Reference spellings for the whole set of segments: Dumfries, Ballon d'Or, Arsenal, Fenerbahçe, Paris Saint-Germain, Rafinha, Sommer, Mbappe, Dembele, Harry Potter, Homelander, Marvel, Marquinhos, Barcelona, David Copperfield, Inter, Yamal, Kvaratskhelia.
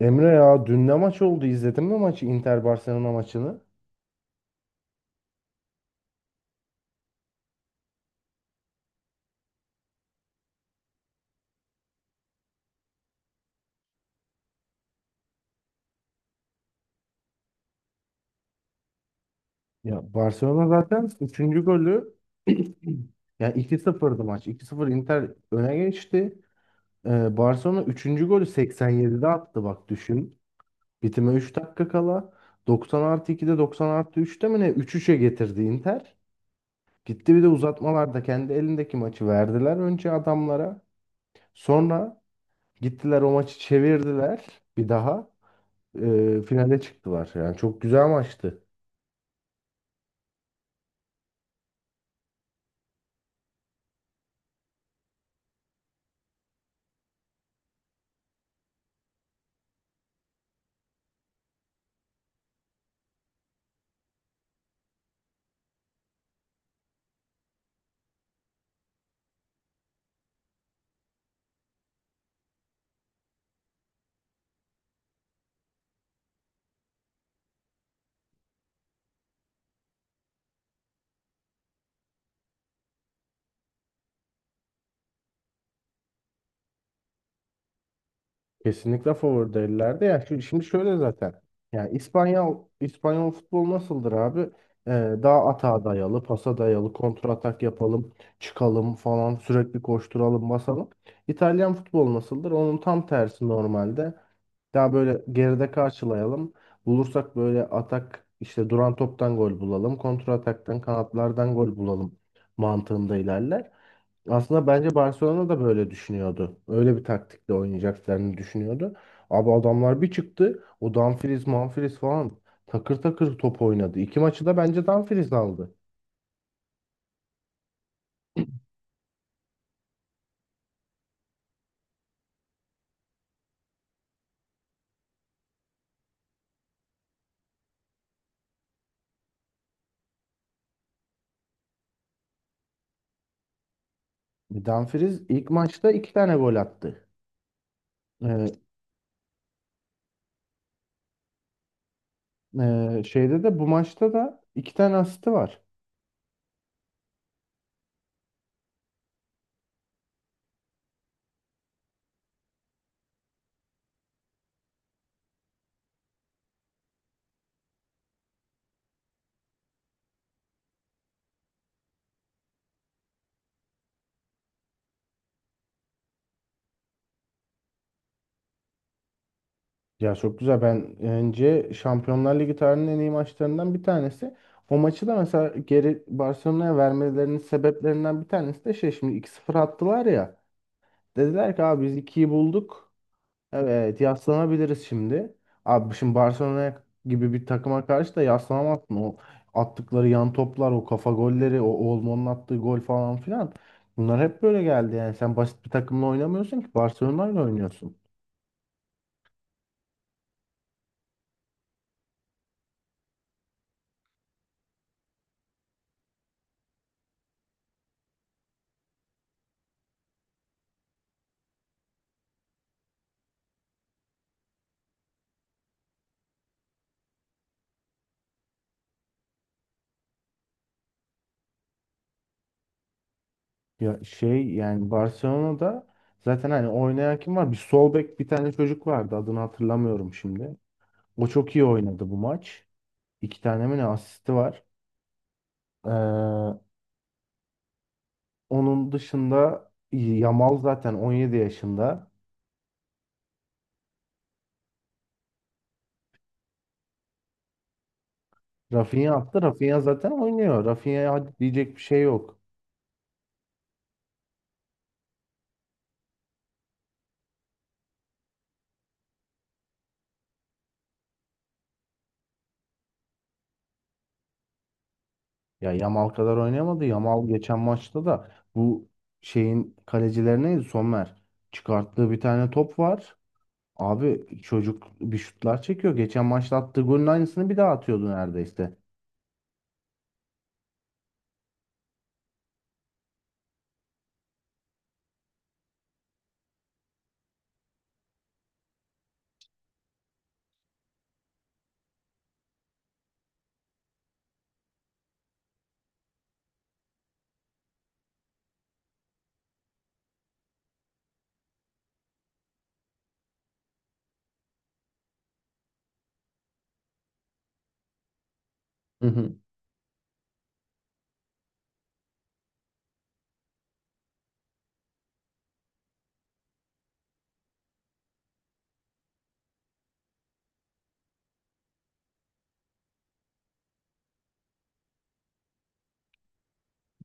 Emre ya dün ne maç oldu? İzledin mi maçı? Inter Barcelona maçını? Ya Barcelona zaten üçüncü golü ya iki sıfır'dı maç. 2-0 Inter öne geçti. Barcelona üçüncü golü 87'de attı bak düşün. Bitime 3 dakika kala. 90 artı 2'de 90 artı 3'te mi ne? 3-3'e getirdi Inter. Gitti bir de uzatmalarda kendi elindeki maçı verdiler önce adamlara. Sonra gittiler o maçı çevirdiler bir daha. Finale çıktılar. Yani çok güzel maçtı. Kesinlikle favori değillerdi. Ya şimdi şöyle zaten. Yani İspanyol futbol nasıldır abi? Ee, daha atağa dayalı, pasa dayalı, kontratak yapalım, çıkalım falan, sürekli koşturalım, basalım. İtalyan futbol nasıldır? Onun tam tersi normalde. Daha böyle geride karşılayalım. Bulursak böyle atak işte duran toptan gol bulalım, kontra ataktan kanatlardan gol bulalım mantığında ilerler. Aslında bence Barcelona da böyle düşünüyordu. Öyle bir taktikle oynayacaklarını düşünüyordu. Abi adamlar bir çıktı. O Dumfries, Manfries falan takır takır top oynadı. İki maçı da bence Dumfries aldı. Dumfries ilk maçta iki tane gol attı. Ee, şeyde de bu maçta da iki tane asisti var. Ya çok güzel. Ben önce Şampiyonlar Ligi tarihinin en iyi maçlarından bir tanesi. O maçı da mesela geri Barcelona'ya vermelerinin sebeplerinden bir tanesi de şey şimdi 2-0 attılar ya. Dediler ki abi biz ikiyi bulduk. Evet yaslanabiliriz şimdi. Abi şimdi Barcelona gibi bir takıma karşı da yaslanamazsın. O attıkları yan toplar, o kafa golleri, o Olmo'nun attığı gol falan filan. Bunlar hep böyle geldi yani. Sen basit bir takımla oynamıyorsun ki Barcelona'yla oynuyorsun. Ya şey yani Barcelona'da zaten hani oynayan kim var? Bir sol bek bir tane çocuk vardı. Adını hatırlamıyorum şimdi. O çok iyi oynadı bu maç. İki tane mi ne asisti var. Ee, Onun dışında Yamal zaten 17 yaşında. Rafinha attı. Rafinha zaten oynuyor. Rafinha'ya hadi diyecek bir şey yok. Ya Yamal kadar oynayamadı. Yamal geçen maçta da bu şeyin kalecilerine Sommer çıkarttığı bir tane top var. Abi çocuk bir şutlar çekiyor. Geçen maçta attığı golün aynısını bir daha atıyordu neredeyse.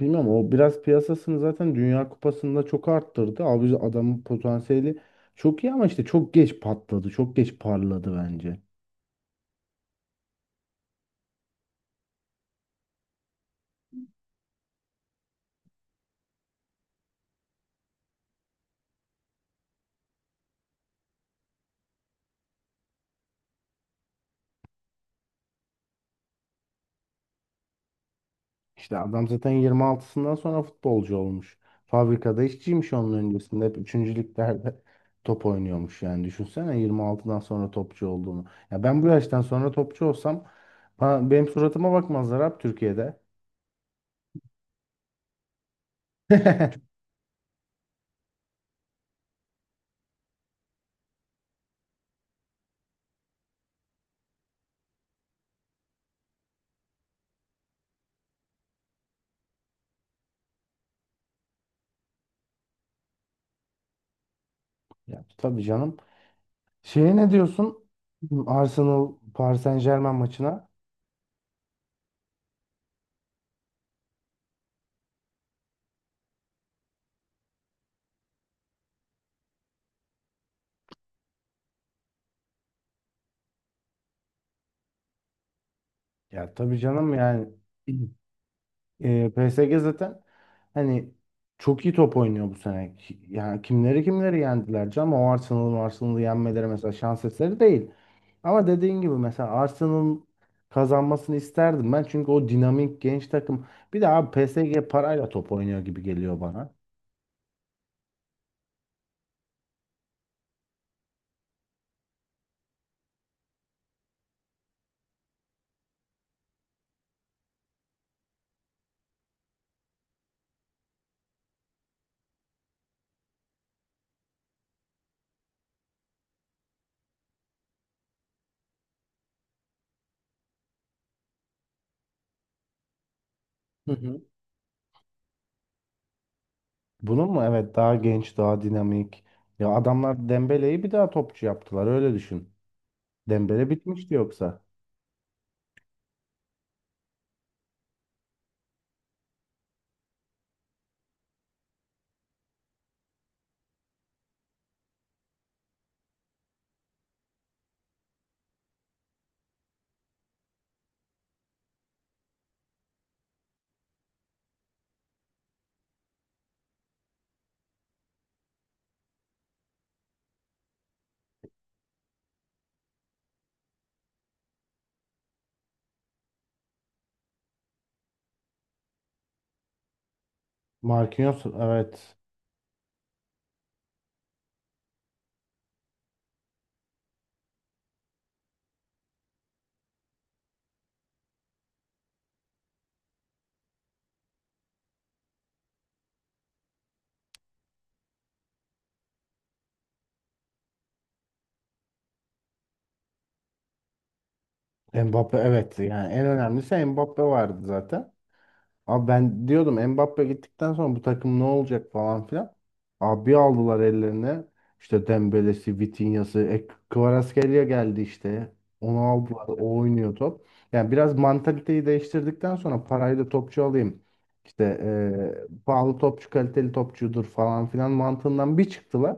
Bilmem o biraz piyasasını zaten Dünya Kupası'nda çok arttırdı. Abi adamın potansiyeli çok iyi ama işte çok geç patladı. Çok geç parladı bence. İşte adam zaten 26'sından sonra futbolcu olmuş. Fabrikada işçiymiş onun öncesinde. Hep 3. liglerde top oynuyormuş yani. Düşünsene 26'dan sonra topçu olduğunu. Ya ben bu yaştan sonra topçu olsam benim suratıma bakmazlar abi Türkiye'de. Ya, tabii canım. Şeye ne diyorsun? Arsenal Paris Saint-Germain maçına. Ya tabii canım yani PSG zaten hani çok iyi top oynuyor bu sene. Yani kimleri kimleri yendiler canım. O Arsenal'ı yenmeleri mesela şans eseri değil. Ama dediğin gibi mesela Arsenal'ın kazanmasını isterdim ben. Çünkü o dinamik genç takım. Bir de abi PSG parayla top oynuyor gibi geliyor bana. Hı hı. Bunun mu? Evet daha genç, daha dinamik. Ya adamlar Dembele'yi bir daha topçu yaptılar öyle düşün. Dembele bitmişti yoksa. Marquinhos evet. Mbappe evet yani en önemlisi Mbappe vardı zaten. Abi ben diyordum Mbappe gittikten sonra bu takım ne olacak falan filan. Abi aldılar ellerine işte Dembele'si, Vitinha'sı, Kvaratskhelia geldi işte. Onu aldılar, o oynuyor top. Yani biraz mantaliteyi değiştirdikten sonra parayı da topçu alayım. İşte pahalı topçu kaliteli topçudur falan filan mantığından bir çıktılar.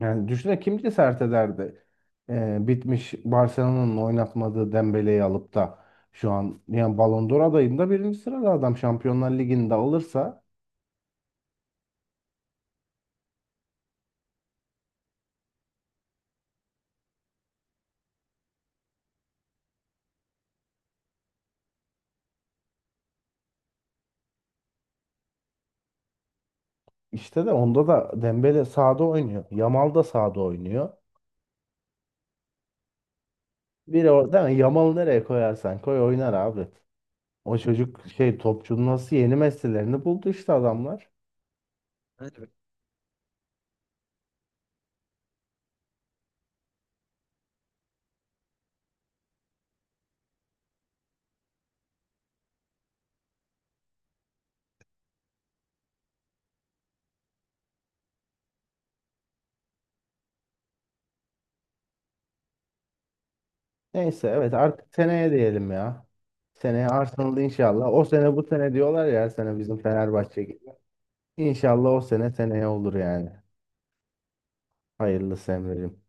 Yani düşünsene kim cesaret ederdi? Bitmiş Barcelona'nın oynatmadığı Dembele'yi alıp da şu an yani Ballon d'Or adayında birinci sırada adam Şampiyonlar Ligi'nde alırsa işte de onda da Dembele sağda oynuyor. Yamal da sağda oynuyor. Biri orada Yamal'ı nereye koyarsan koy oynar abi. O çocuk şey topçunun nasıl yeni meslelerini buldu işte adamlar. Evet. Neyse evet artık seneye diyelim ya. Seneye Arsenal inşallah. O sene bu sene diyorlar ya her sene bizim Fenerbahçe. İnşallah o sene seneye olur yani. Hayırlısı Emre'cim.